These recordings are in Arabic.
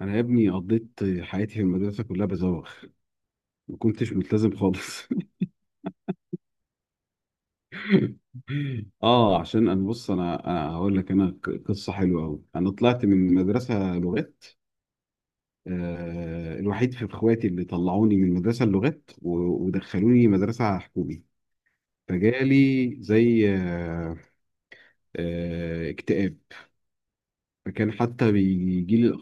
انا يا ابني قضيت حياتي في المدرسه كلها بزوغ. ما كنتش ملتزم خالص. اه عشان انا بص، انا هقول لك، انا قصه حلوه قوي. انا طلعت من مدرسه لغات، الوحيد في اخواتي اللي طلعوني من مدرسه اللغات ودخلوني مدرسه حكومي. فجالي زي اكتئاب، فكان حتى بيجي لي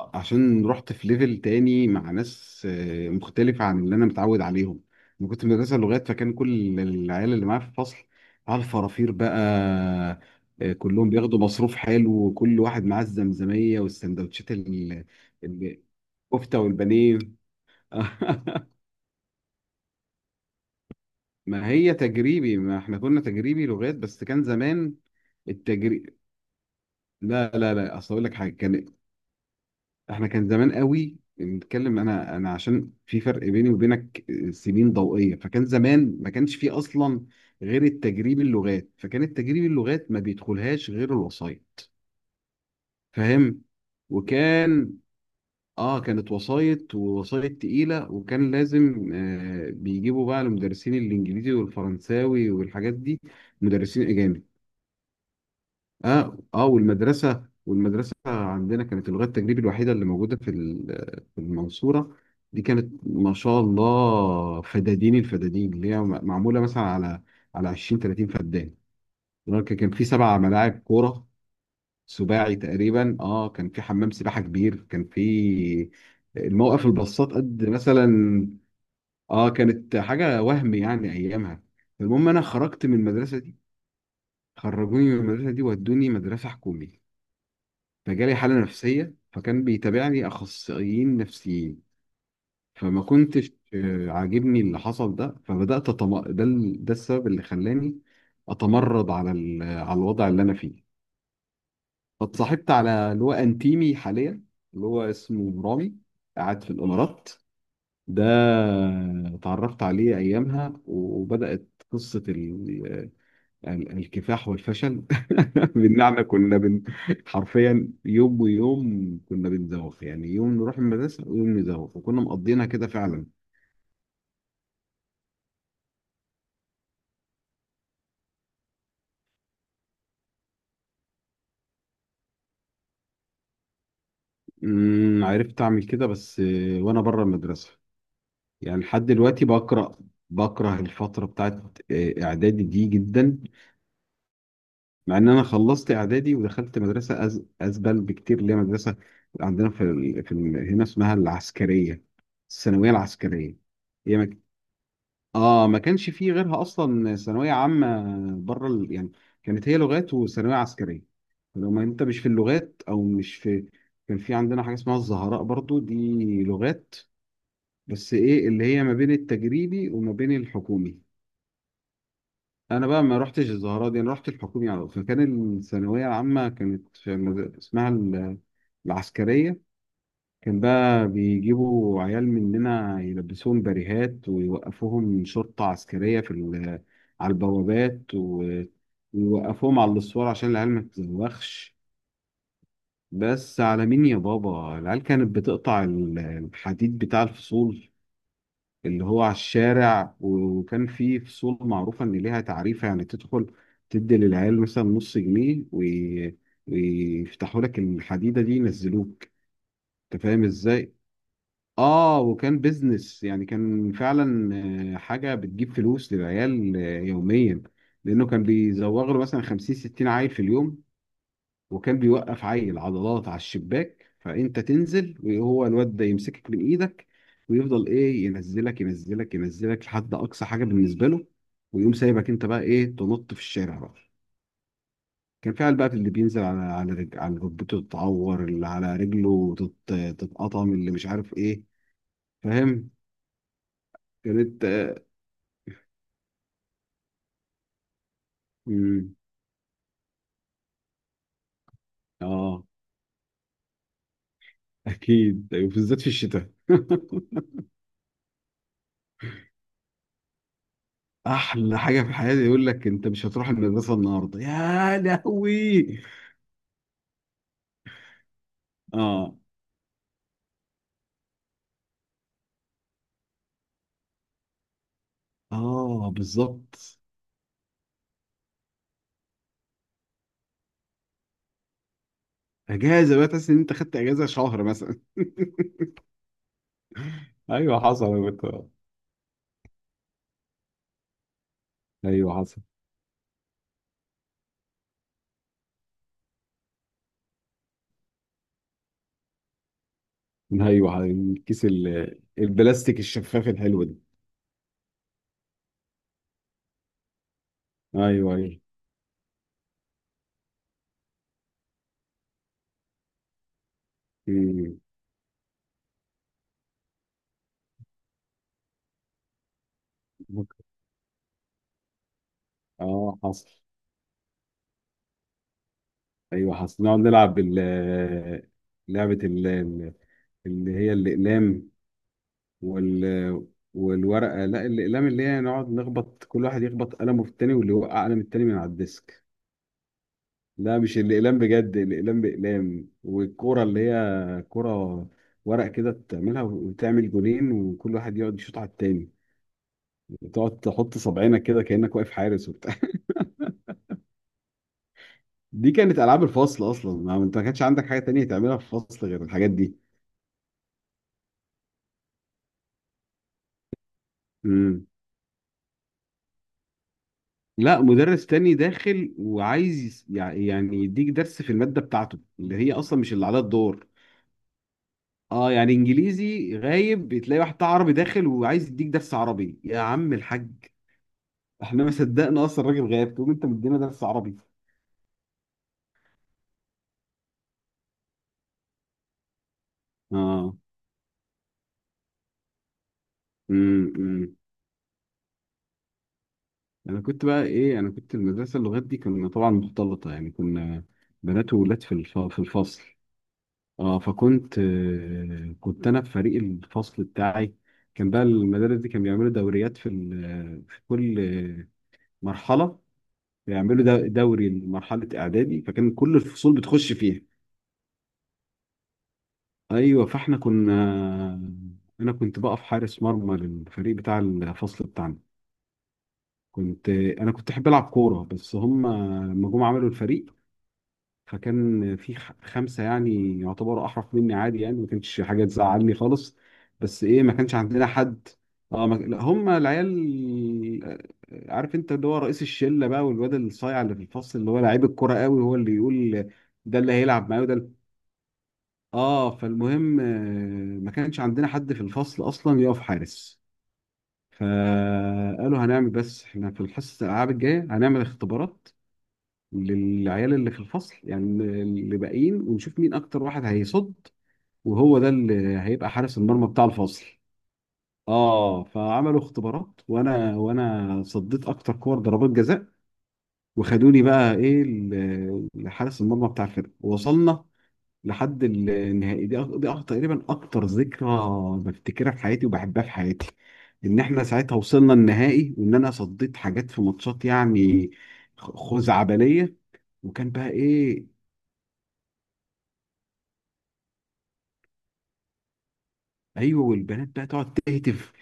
عشان رحت في ليفل تاني مع ناس مختلفة عن اللي أنا متعود عليهم. أنا كنت في مدرسة لغات، فكان كل العيال اللي معايا في الفصل على الفرافير بقى. كلهم بياخدوا مصروف حلو، وكل واحد معاه الزمزمية والسندوتشات ال- الكفتة والبانيه. ما هي تجريبي، ما احنا كنا تجريبي لغات بس كان زمان التجريب. لا لا لا، اصل اقول لك حاجه، كان احنا كان زمان قوي بنتكلم، انا عشان في فرق بيني وبينك سنين ضوئيه، فكان زمان ما كانش فيه اصلا غير التجريب اللغات، فكان التجريب اللغات ما بيدخلهاش غير الوصاية. فاهم؟ وكان، اه كانت وصاية، ووصاية تقيلة، وكان لازم بيجيبوا بقى المدرسين الانجليزي والفرنساوي والحاجات دي، مدرسين اجانب. اه، اه، والمدرسه عندنا كانت اللغه التجريبي الوحيده اللي موجوده في في المنصوره. دي كانت ما شاء الله فدادين، الفدادين اللي هي معموله مثلا على 20 30 فدان. كان في سبع ملاعب كوره سباعي تقريبا. اه كان في حمام سباحه كبير، كان في الموقف الباصات قد مثلا. اه كانت حاجه وهم يعني ايامها. المهم انا خرجت من المدرسه دي، خرجوني من المدرسه دي ودوني مدرسه حكومي. فجالي حالة نفسية، فكان بيتابعني أخصائيين نفسيين. فما كنتش عاجبني اللي حصل ده، فبدأت ده السبب اللي خلاني أتمرد على الوضع اللي أنا فيه. فاتصاحبت على اللي هو أنتيمي حاليا، اللي هو اسمه رامي، قاعد في الإمارات ده. اتعرفت عليه أيامها، وبدأت قصة الكفاح والفشل. بالنعمة حرفيا يوم ويوم كنا بنزوغ، يعني يوم نروح المدرسة ويوم نزوغ، وكنا مقضينها كده فعلا. عرفت أعمل كده، بس وأنا بره المدرسة. يعني لحد دلوقتي بكره، الفترة بتاعت إعدادي دي جدا. مع إن أنا خلصت إعدادي ودخلت مدرسة أزبل بكتير، اللي هي مدرسة عندنا في، هنا اسمها العسكرية، الثانوية العسكرية هي. اه، ما كانش فيه غيرها اصلا ثانويه عامه بره يعني. كانت هي لغات وثانويه عسكريه، لو ما انت مش في اللغات او مش في. كان في عندنا حاجه اسمها الزهراء برضو دي، لغات، بس ايه، اللي هي ما بين التجريبي وما بين الحكومي. انا بقى ما رحتش الزهراء دي، انا رحت الحكومي على طول. فكان الثانويه العامه كانت في اسمها العسكريه. كان بقى بيجيبوا عيال مننا يلبسوهم بريهات، ويوقفوهم شرطة عسكرية في على البوابات، ويوقفوهم على الأسوار عشان العيال ما تتزوخش. بس على مين يا بابا؟ العيال كانت بتقطع الحديد بتاع الفصول اللي هو على الشارع، وكان في فصول معروفة إن ليها تعريفة، يعني تدخل تدي للعيال مثلا نص جنيه ويفتحوا لك الحديدة دي ينزلوك. انت فاهم ازاي؟ اه وكان بيزنس يعني، كان فعلا حاجه بتجيب فلوس للعيال يوميا. لانه كان بيزوغ له مثلا 50 60 عيل في اليوم. وكان بيوقف عيل عضلات على الشباك، فانت تنزل وهو الواد ده يمسكك من ايدك، ويفضل ايه ينزلك ينزلك ينزلك لحد اقصى حاجه بالنسبه له، ويقوم سايبك انت بقى ايه تنط في الشارع بقى. كان فعلا بقى اللي بينزل على على ركبته تتعور، اللي على رجله تتقطم، اللي مش عارف ايه. فاهم؟ كانت، امم اه اكيد أيوة، بالذات في الشتاء. احلى حاجه في الحياه يقول لك انت مش هتروح المدرسه النهارده، يا لهوي. اه، اه، بالظبط. اجازه بقى، تحس ان انت خدت اجازه شهر مثلا. ايوه حصل ايوه حصل. ايوه، الكيس البلاستيك الشفاف الحلو ده. ايوه، ايوه. أمم. اه حصل. ايوه حصل، نقعد نلعب لعبه اللي هي الاقلام وال والورقة، لا الأقلام، اللي هي نقعد نخبط، كل واحد يخبط قلمه في التاني، واللي يوقع قلم التاني من على الديسك. لا مش الأقلام بجد، الأقلام بأقلام، والكورة اللي هي كورة ورق كده تعملها، وتعمل جولين، وكل واحد يقعد يشوط على التاني، وتقعد تحط صابعينك كده كأنك واقف حارس وبتاع. دي كانت ألعاب الفصل أصلا، ما أنت ما كانش عندك حاجة تانية تعملها في الفصل غير الحاجات دي. امم. لا مدرس تاني داخل، وعايز يعني يديك درس في المادة بتاعته اللي هي أصلا مش اللي عليها الدور. اه يعني انجليزي غايب، بتلاقي واحد بتاع عربي داخل وعايز يديك درس عربي، يا عم الحاج. احنا ما صدقنا اصلا الراجل غايب، تقوم انت مدينا درس عربي. اه. امم. امم. انا كنت بقى ايه، انا كنت المدرسه اللغات دي كنا طبعا مختلطه، يعني كنا بنات وولاد في في الفصل. اه، فكنت، كنت انا في فريق الفصل بتاعي. كان بقى المدارس دي كان بيعملوا دوريات في في كل آه، مرحله. بيعملوا دوري لمرحله اعدادي، فكان كل الفصول بتخش فيها. ايوه، فاحنا كنا، انا كنت بقف حارس مرمى للفريق بتاع الفصل بتاعنا. كنت، انا كنت احب العب كوره، بس هم لما جم عملوا الفريق، فكان في خمسه يعني يعتبروا احرف مني عادي، يعني ما كانتش حاجه تزعلني خالص. بس ايه، ما كانش عندنا حد. اه ما... لا، هم العيال، عارف انت اللي هو رئيس الشله بقى، والواد الصايع اللي في الفصل اللي هو لعيب الكوره قوي، هو اللي يقول ده اللي هيلعب معايا وده. اه، فالمهم ما كانش عندنا حد في الفصل اصلا يقف حارس، فقالوا هنعمل، بس احنا في الحصه الالعاب الجايه هنعمل اختبارات للعيال اللي في الفصل، يعني اللي باقيين، ونشوف مين اكتر واحد هيصد، وهو ده اللي هيبقى حارس المرمى بتاع الفصل. اه فعملوا اختبارات، وانا صديت اكتر كور ضربات جزاء، وخدوني بقى ايه لحارس المرمى بتاع الفرقه. وصلنا لحد النهائي، دي تقريبا اكتر ذكرى بفتكرها في حياتي، وبحبها في حياتي، ان احنا ساعتها وصلنا النهائي، وان انا صديت حاجات في ماتشات يعني خزعبليه. وكان بقى ايه، ايوه، والبنات بقى تقعد تهتف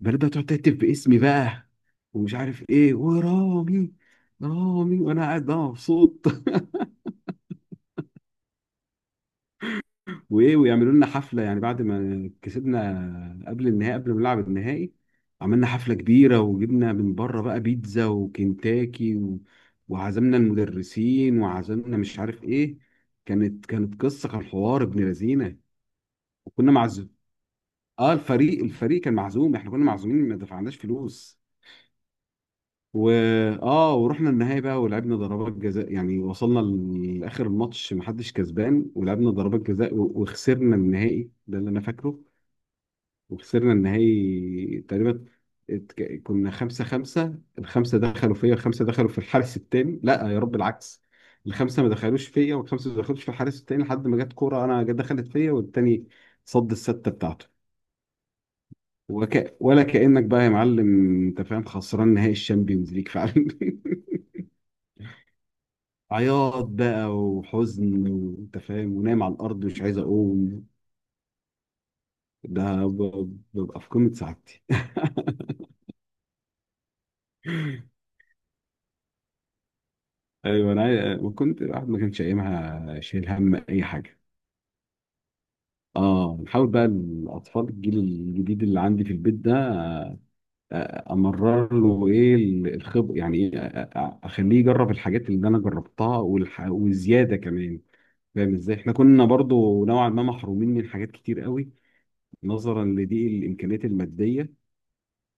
البنات بقى تقعد تهتف باسمي بقى، ومش عارف ايه، ورامي، رامي وانا قاعد بقى مبسوط. وايه، ويعملوا لنا حفله، يعني بعد ما كسبنا قبل النهائي، قبل ما نلعب النهائي عملنا حفله كبيره، وجبنا من بره بقى بيتزا وكنتاكي وعزمنا المدرسين، وعزمنا مش عارف ايه. كانت قصه، كان حوار ابن لذينه. وكنا معزوم، اه الفريق كان معزوم، احنا كنا معزومين، ما دفعناش فلوس. و اه ورحنا النهائي بقى، ولعبنا ضربات جزاء. يعني وصلنا لاخر الماتش محدش كسبان، ولعبنا ضربات جزاء وخسرنا النهائي، ده اللي انا فاكره. وخسرنا النهائي تقريبا، كنا 5-5، الخمسة دخلوا فيا، الخمسة دخلوا في الحارس التاني، لا يا رب العكس، الخمسة ما دخلوش فيا، والخمسة ما دخلوش في الحارس التاني، لحد ما جت كورة أنا جت دخلت فيا، والتاني صد الستة بتاعته. ولا كأنك بقى يا معلم. أنت فاهم، خسران نهائي الشامبيونز ليج فعلا. عياط بقى وحزن، وأنت فاهم، ونايم على الأرض مش عايز أقوم. ده ببقى في قمة سعادتي. ايوه، انا وكنت، الواحد ما كانش ايامها شايل هم اي حاجه. اه نحاول بقى الاطفال، الجيل الجديد اللي عندي في البيت ده، امرر له ايه الخبر، يعني ايه، اخليه يجرب الحاجات اللي انا جربتها، وزياده كمان. فاهم ازاي احنا كنا برضو نوعا ما محرومين من حاجات كتير قوي، نظرا لضيق الامكانيات الماديه،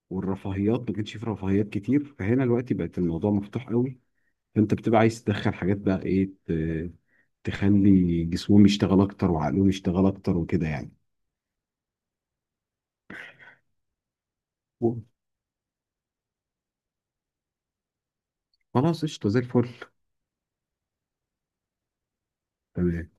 والرفاهيات ما كانش في رفاهيات كتير. فهنا دلوقتي بقت الموضوع مفتوح قوي، فانت بتبقى عايز تدخل حاجات بقى ايه تخلي جسمهم يشتغل اكتر، وعقلهم يشتغل اكتر، وكده يعني. خلاص قشطه زي الفل. تمام.